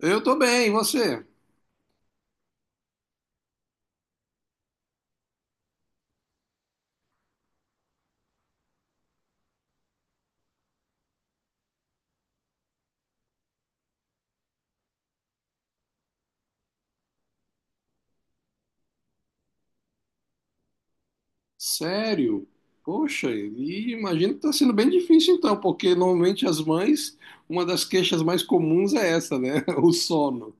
Eu tô bem, e você? Sério? Poxa, e imagino que tá sendo bem difícil então, porque normalmente as mães, uma das queixas mais comuns é essa, né? O sono.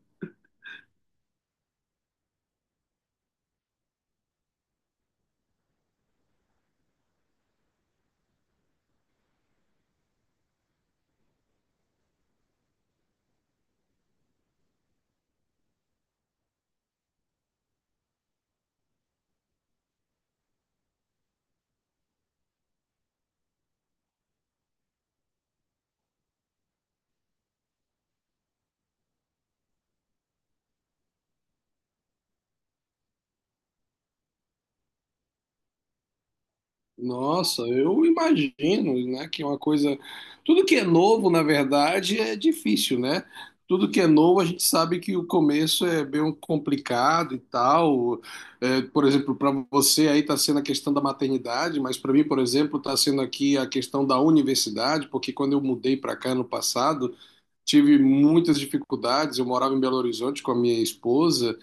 Nossa, eu imagino, né, que é uma coisa. Tudo que é novo, na verdade, é difícil, né? Tudo que é novo, a gente sabe que o começo é bem complicado e tal. É, por exemplo, para você aí está sendo a questão da maternidade, mas para mim, por exemplo, está sendo aqui a questão da universidade, porque quando eu mudei para cá no passado, tive muitas dificuldades. Eu morava em Belo Horizonte com a minha esposa.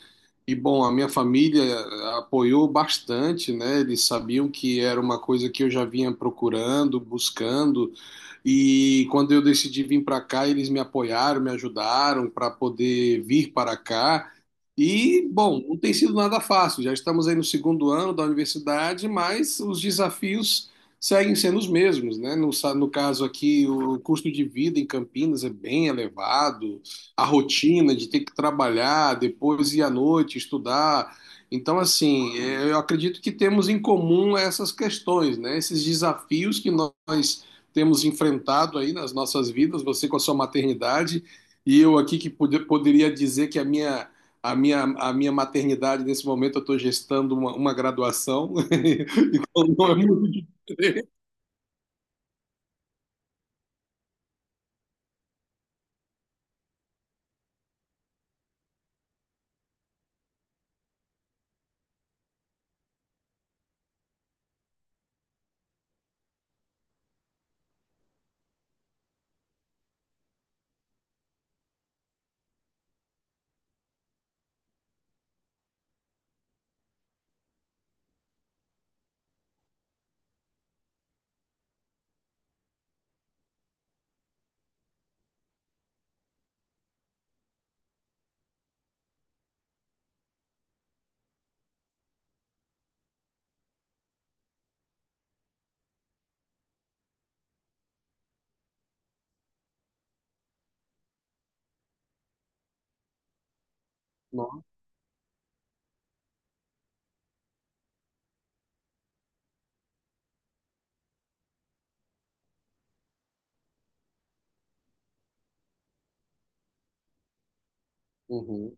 E bom, a minha família apoiou bastante, né? Eles sabiam que era uma coisa que eu já vinha procurando, buscando, e quando eu decidi vir para cá, eles me apoiaram, me ajudaram para poder vir para cá. E, bom, não tem sido nada fácil. Já estamos aí no segundo ano da universidade, mas os desafios seguem sendo os mesmos, né? No caso aqui, o custo de vida em Campinas é bem elevado, a rotina de ter que trabalhar, depois ir à noite estudar. Então, assim, é, eu acredito que temos em comum essas questões, né? Esses desafios que nós temos enfrentado aí nas nossas vidas, você com a sua maternidade e eu aqui que poderia dizer que a minha a minha maternidade, nesse momento, eu estou gestando uma graduação. Não é muito diferente. Não. Uhum.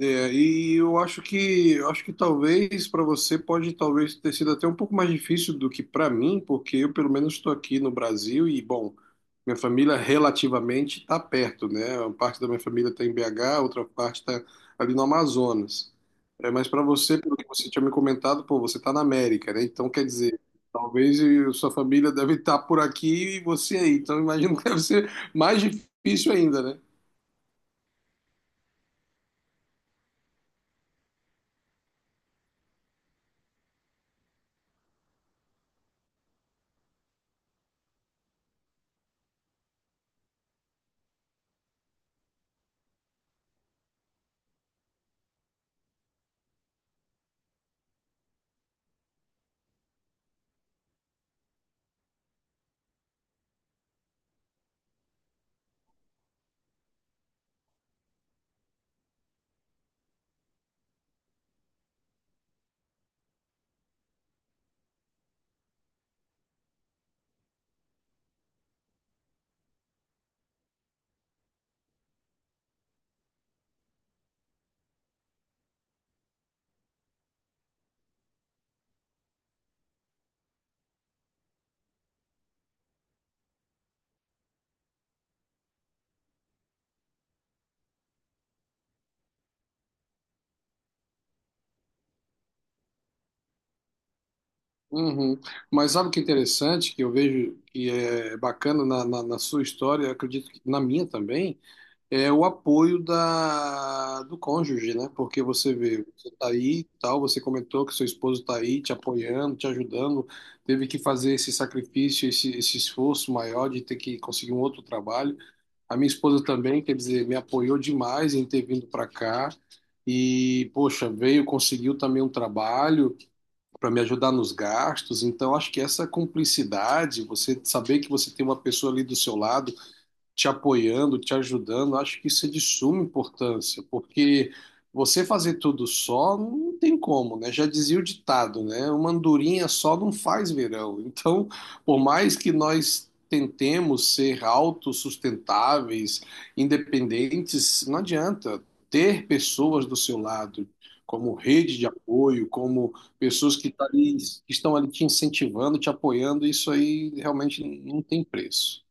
É, e eu acho que talvez para você pode talvez ter sido até um pouco mais difícil do que para mim, porque eu pelo menos estou aqui no Brasil e bom, minha família relativamente está perto, né? Uma parte da minha família está em BH, outra parte está ali no Amazonas. É, mas para você, pelo que você tinha me comentado, pô, você está na América, né? Então quer dizer, talvez sua família deve estar por aqui e você aí. Então imagino que deve ser mais difícil ainda, né? Uhum. Mas sabe o que é interessante, que eu vejo que é bacana na sua história, eu acredito que na minha também, é o apoio da, do cônjuge, né? Porque você vê, você tá aí, e tal, você comentou que seu esposo tá aí te apoiando, te ajudando, teve que fazer esse sacrifício, esse esforço maior de ter que conseguir um outro trabalho. A minha esposa também, quer dizer, me apoiou demais em ter vindo para cá. E, poxa, veio, conseguiu também um trabalho, para me ajudar nos gastos. Então, acho que essa cumplicidade, você saber que você tem uma pessoa ali do seu lado te apoiando, te ajudando, acho que isso é de suma importância, porque você fazer tudo só não tem como, né? Já dizia o ditado, né? Uma andorinha só não faz verão. Então, por mais que nós tentemos ser autossustentáveis, independentes, não adianta ter pessoas do seu lado. Como rede de apoio, como pessoas que, que estão ali te incentivando, te apoiando, isso aí realmente não tem preço.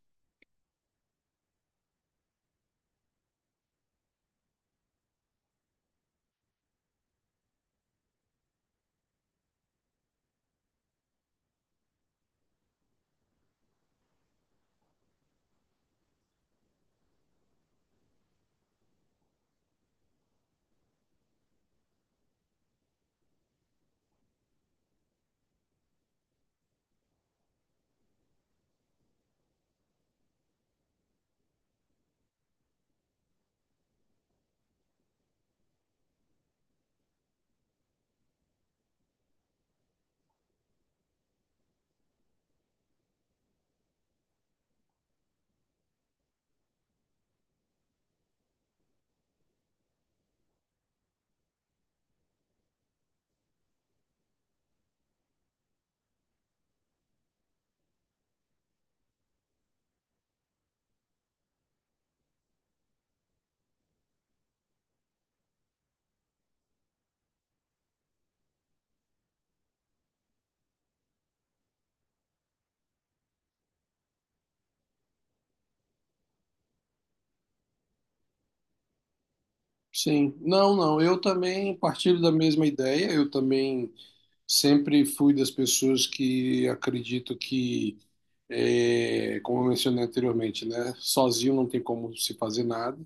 Sim, não, não. Eu também partilho da mesma ideia. Eu também sempre fui das pessoas que acredito que como eu mencionei anteriormente, né? Sozinho não tem como se fazer nada.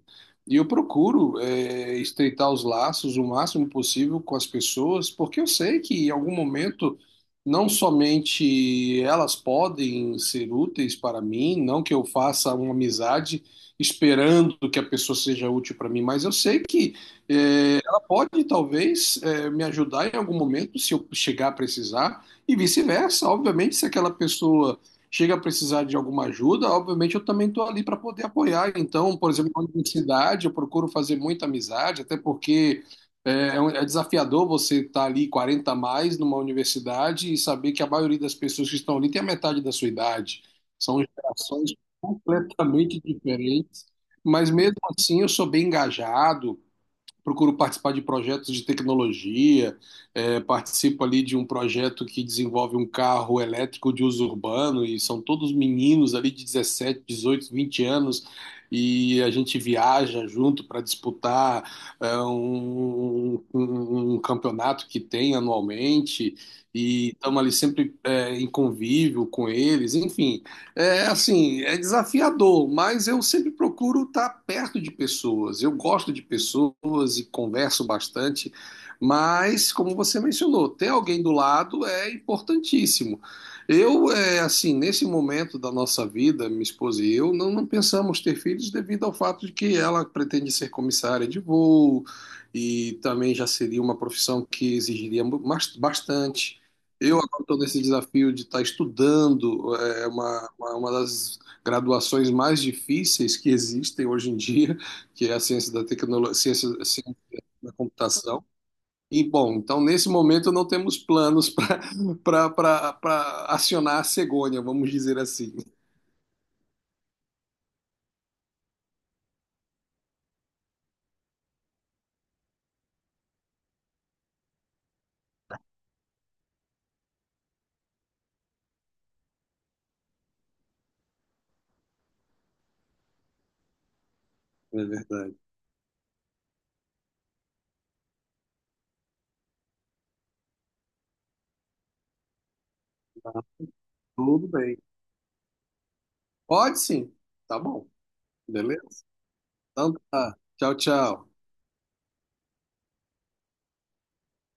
E eu procuro, estreitar os laços o máximo possível com as pessoas, porque eu sei que em algum momento não somente elas podem ser úteis para mim, não que eu faça uma amizade esperando que a pessoa seja útil para mim, mas eu sei que ela pode talvez me ajudar em algum momento se eu chegar a precisar e vice-versa. Obviamente, se aquela pessoa chega a precisar de alguma ajuda, obviamente eu também estou ali para poder apoiar. Então, por exemplo, na universidade, eu procuro fazer muita amizade, até porque é desafiador você estar ali 40 a mais numa universidade e saber que a maioria das pessoas que estão ali tem a metade da sua idade. São gerações completamente diferentes, mas mesmo assim eu sou bem engajado, procuro participar de projetos de tecnologia, participo ali de um projeto que desenvolve um carro elétrico de uso urbano, e são todos meninos ali de 17, 18, 20 anos, e a gente viaja junto para disputar um campeonato que tem anualmente, e estamos ali sempre em convívio com eles, enfim. É assim, é desafiador, mas eu sempre procuro estar perto de pessoas. Eu gosto de pessoas e converso bastante, mas como você mencionou, ter alguém do lado é importantíssimo. Eu, assim, nesse momento da nossa vida, minha esposa e eu, não, não pensamos ter filhos devido ao fato de que ela pretende ser comissária de voo e também já seria uma profissão que exigiria bastante. Eu agora estou nesse desafio de estar estudando, é uma, uma das graduações mais difíceis que existem hoje em dia, que é a ciência da tecnologia, ciência da computação. E, bom, então nesse momento não temos planos para acionar a cegonha, vamos dizer assim. É verdade. Tá tudo bem. Pode sim. Tá bom. Beleza? Então tá. Tchau, tchau.